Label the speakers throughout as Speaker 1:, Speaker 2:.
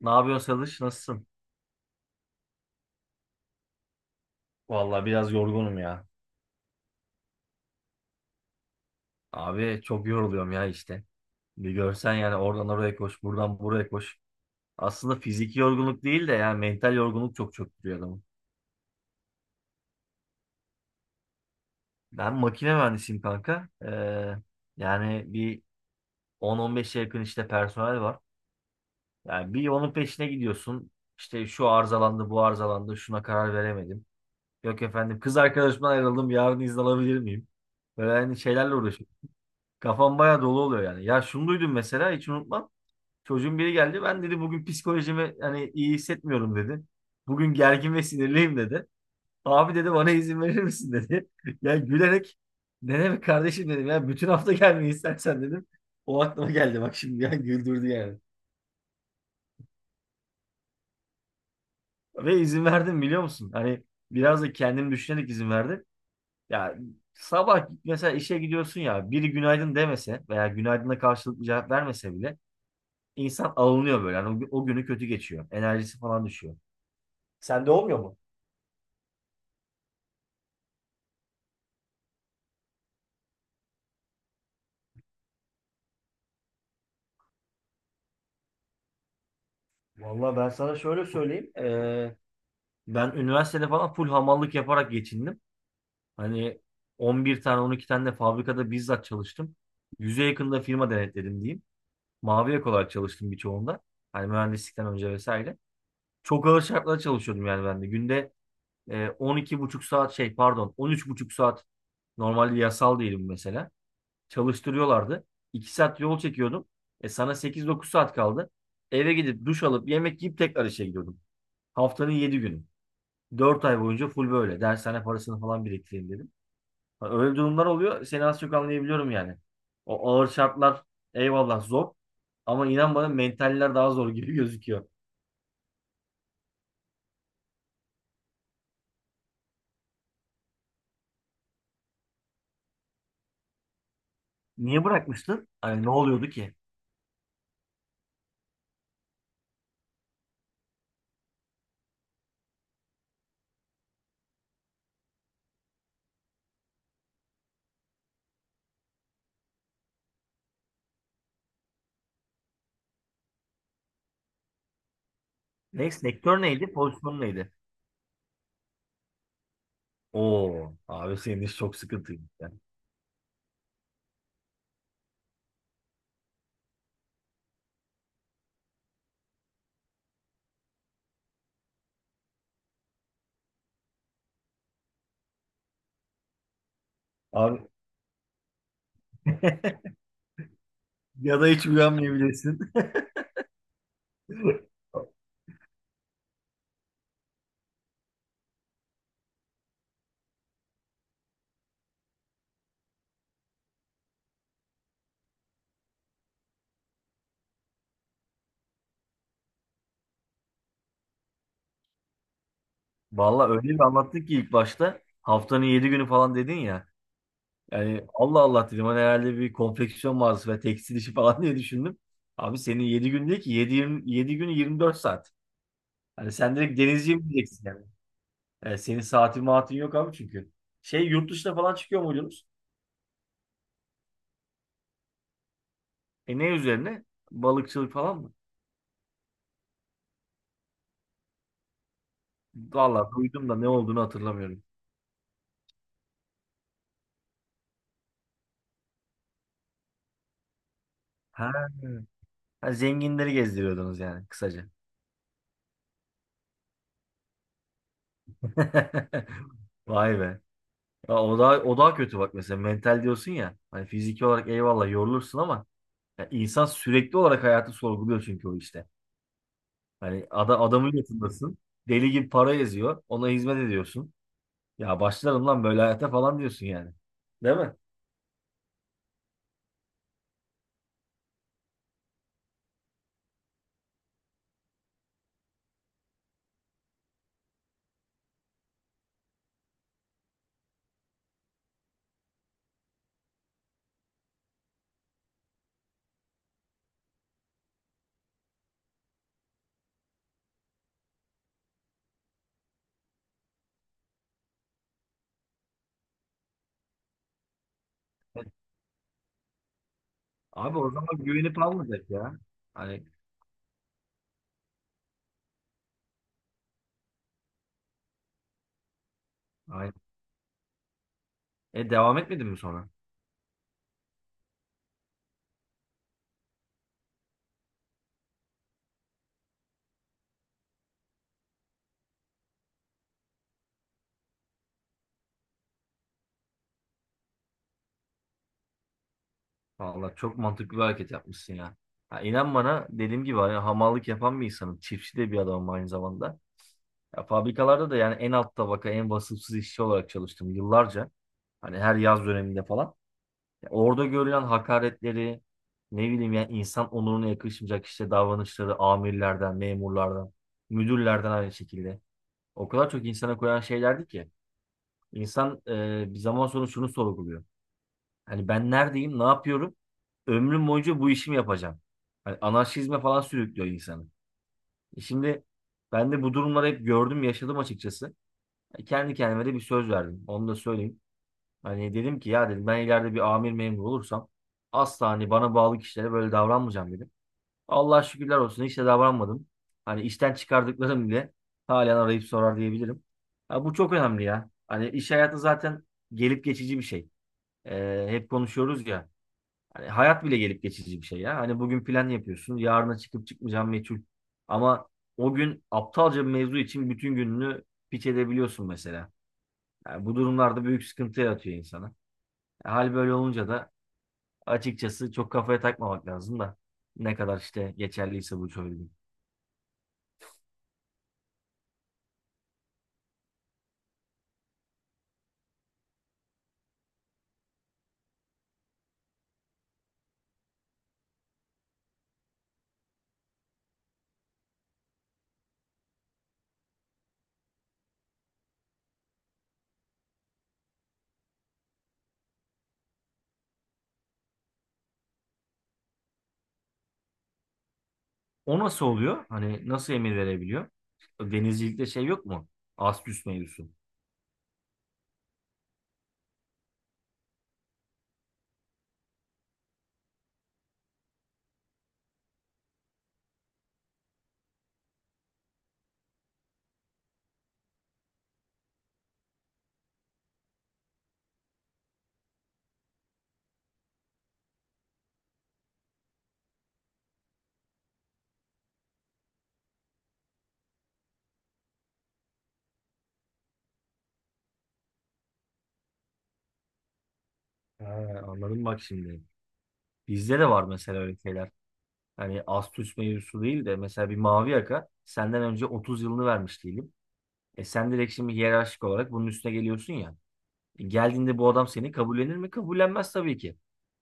Speaker 1: Ne yapıyorsun Salış? Nasılsın? Vallahi biraz yorgunum ya. Abi çok yoruluyorum ya işte. Bir görsen yani oradan oraya koş, buradan buraya koş. Aslında fiziki yorgunluk değil de yani mental yorgunluk çok çöktürüyor adamı. Ben makine mühendisiyim kanka. Yani bir 10-15'e yakın işte personel var. Yani bir onun peşine gidiyorsun. İşte şu arızalandı, bu arızalandı, şuna karar veremedim. Yok efendim kız arkadaşımdan ayrıldım, yarın izin alabilir miyim? Böyle hani şeylerle uğraşıyorum. Kafam bayağı dolu oluyor yani. Ya şunu duydum mesela hiç unutmam. Çocuğun biri geldi. Ben dedi bugün psikolojimi hani iyi hissetmiyorum dedi. Bugün gergin ve sinirliyim dedi. Abi dedi bana izin verir misin dedi. Ya gülerek ne demek kardeşim dedim ya bütün hafta gelmeyi istersen dedim. O aklıma geldi bak şimdi ya güldürdü yani. Ve izin verdim biliyor musun? Hani biraz da kendim düşünerek izin verdim. Ya sabah mesela işe gidiyorsun ya biri günaydın demese veya günaydına karşılıklı cevap vermese bile insan alınıyor böyle. Yani o günü kötü geçiyor. Enerjisi falan düşüyor. Sende olmuyor mu? Vallahi ben sana şöyle söyleyeyim. Ben üniversitede falan full hamallık yaparak geçindim. Hani 11 tane 12 tane de fabrikada bizzat çalıştım. 100'e yakında firma denetledim diyeyim. Mavi yakalı olarak çalıştım birçoğunda. Hani mühendislikten önce vesaire. Çok ağır şartlarda çalışıyordum yani ben de. Günde 12,5 saat şey pardon 13,5 saat normalde yasal değilim mesela. Çalıştırıyorlardı. 2 saat yol çekiyordum. E sana 8 9 saat kaldı. Eve gidip duş alıp yemek yiyip tekrar işe gidiyordum. Haftanın 7 günü. 4 ay boyunca full böyle. Dershane parasını falan biriktireyim dedim. Ha, öyle durumlar oluyor. Seni az çok anlayabiliyorum yani. O ağır şartlar eyvallah zor. Ama inan bana mentaller daha zor gibi gözüküyor. Niye bırakmıştın? Hani ne oluyordu ki? Ne, sektör neydi? Pozisyon neydi? Oo, abi senin iş çok sıkıntıymış ya. Abi ya da hiç uyanmayabilirsin. Vallahi öyle bir anlattın ki ilk başta. Haftanın 7 günü falan dedin ya. Yani Allah Allah dedim hani herhalde bir konfeksiyon mağazası ve tekstil işi falan diye düşündüm. Abi senin 7 gün değil ki 7 gün 24 saat. Hani sen direkt denizciye mi gideceksin yani? Yani senin saatin maatin yok abi çünkü. Şey yurt dışına falan çıkıyor muydunuz? E ne üzerine? Balıkçılık falan mı? Vallahi duydum da ne olduğunu hatırlamıyorum. Ha, ha, zenginleri gezdiriyordunuz yani kısaca. Vay be. Ya o daha kötü bak mesela mental diyorsun ya. Hani fiziki olarak eyvallah yorulursun ama ya insan sürekli olarak hayatı sorguluyor çünkü o işte. Hani adamın yatındasın. Deli gibi para eziyor. Ona hizmet ediyorsun. Ya başlarım lan böyle hayata falan diyorsun yani. Değil mi? E, abi o zaman güvenip almayacak ya. Hani aynen. E devam etmedin mi sonra? Vallahi çok mantıklı bir hareket yapmışsın ya. Ha, inan bana dediğim gibi hani hamallık yapan bir insanım. Çiftçi de bir adamım aynı zamanda. Ya, fabrikalarda da yani en alt tabaka en vasıfsız işçi olarak çalıştım yıllarca. Hani her yaz döneminde falan. Ya orada görülen hakaretleri ne bileyim yani insan onuruna yakışmayacak işte davranışları amirlerden, memurlardan, müdürlerden aynı şekilde. O kadar çok insana koyan şeylerdi ki insan bir zaman sonra şunu sorguluyor. Hani ben neredeyim, ne yapıyorum? Ömrüm boyunca bu işimi yapacağım. Hani anarşizme falan sürüklüyor insanı. E şimdi ben de bu durumları hep gördüm, yaşadım açıkçası. Kendi kendime de bir söz verdim. Onu da söyleyeyim. Hani dedim ki ya dedim ben ileride bir amir memur olursam asla hani bana bağlı kişilere böyle davranmayacağım dedim. Allah şükürler olsun hiç de davranmadım. Hani işten çıkardıklarım bile halen arayıp sorar diyebilirim. Ha, bu çok önemli ya. Hani iş hayatı zaten gelip geçici bir şey. Hep konuşuyoruz ya. Hani hayat bile gelip geçici bir şey ya. Hani bugün plan yapıyorsun. Yarına çıkıp çıkmayacağın meçhul. Ama o gün aptalca bir mevzu için bütün gününü piç edebiliyorsun mesela. Yani bu durumlarda büyük sıkıntı yaratıyor insana. Hal böyle olunca da açıkçası çok kafaya takmamak lazım da ne kadar işte geçerliyse bu söylediğim. O nasıl oluyor? Hani nasıl emir verebiliyor? Denizcilikte şey yok mu? Astüs mevzusu. Ha, anladım bak şimdi. Bizde de var mesela öyle şeyler. Hani astüs mevzusu değil de mesela bir mavi yaka senden önce 30 yılını vermiş diyelim. E sen direkt şimdi hiyerarşik olarak bunun üstüne geliyorsun ya. Geldiğinde bu adam seni kabullenir mi? Kabullenmez tabii ki.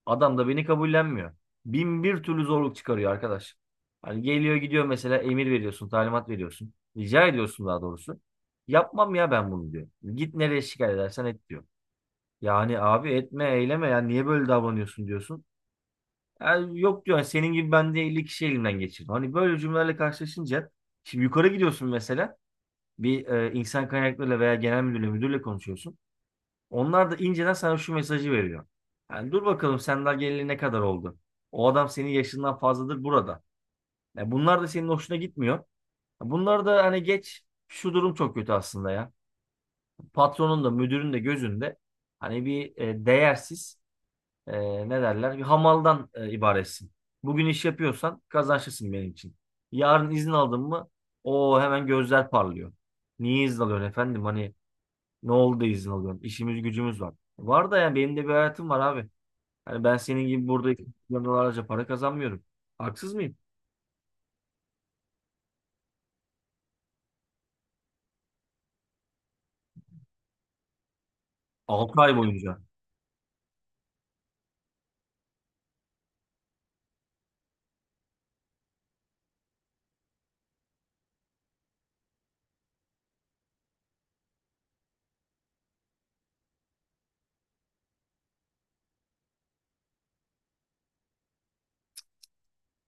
Speaker 1: Adam da beni kabullenmiyor. Bin bir türlü zorluk çıkarıyor arkadaş. Hani geliyor gidiyor mesela emir veriyorsun, talimat veriyorsun. Rica ediyorsun daha doğrusu. Yapmam ya ben bunu diyor. Git nereye şikayet edersen et diyor. Yani abi etme eyleme ya niye böyle davranıyorsun diyorsun. Yani yok diyor yani senin gibi ben de 50 kişi elimden geçirdim. Hani böyle cümlelerle karşılaşınca şimdi yukarı gidiyorsun mesela bir insan kaynaklarıyla veya genel müdürle konuşuyorsun. Onlar da inceden sana şu mesajı veriyor. Yani dur bakalım sen daha geleli ne kadar oldu? O adam senin yaşından fazladır burada. Ya bunlar da senin hoşuna gitmiyor. Ya bunlar da hani geç şu durum çok kötü aslında ya. Patronun da müdürün de gözünde hani bir değersiz ne derler bir hamaldan ibaretsin. Bugün iş yapıyorsan kazançlısın benim için. Yarın izin aldın mı o hemen gözler parlıyor. Niye izin alıyorsun efendim? Hani ne oldu da izin alıyorum? İşimiz gücümüz var. Var da yani benim de bir hayatım var abi. Hani ben senin gibi burada milyonlarca para kazanmıyorum. Haksız mıyım? 6 ay boyunca.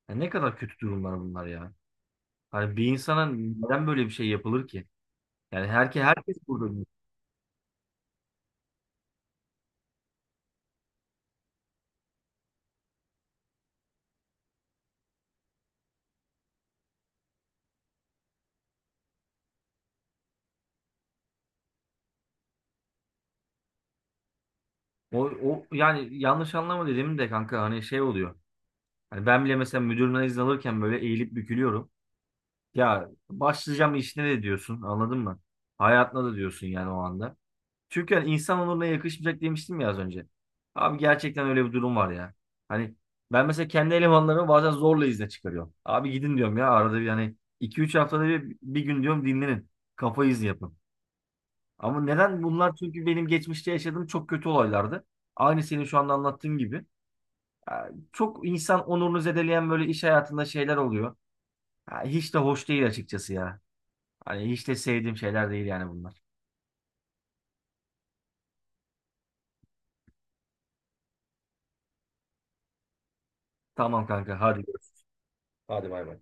Speaker 1: Ya ne kadar kötü durumlar bunlar ya. Hani bir insana neden böyle bir şey yapılır ki? Yani herkes burada. O yani yanlış anlama dedim de kanka hani şey oluyor. Hani ben bile mesela müdürümden izin alırken böyle eğilip bükülüyorum. Ya başlayacağım işine de diyorsun anladın mı? Hayatına da diyorsun yani o anda. Çünkü hani insan onuruna yakışmayacak demiştim ya az önce. Abi gerçekten öyle bir durum var ya. Hani ben mesela kendi elemanlarımı bazen zorla izne çıkarıyorum. Abi gidin diyorum ya arada bir hani 2-3 haftada bir, bir gün diyorum dinlenin. Kafa izni yapın. Ama neden bunlar? Çünkü benim geçmişte yaşadığım çok kötü olaylardı. Aynı senin şu anda anlattığın gibi. Ya, çok insan onurunu zedeleyen böyle iş hayatında şeyler oluyor. Ya, hiç de hoş değil açıkçası ya. Hani hiç de sevdiğim şeyler değil yani bunlar. Tamam kanka hadi, görüşürüz. Hadi bay bay.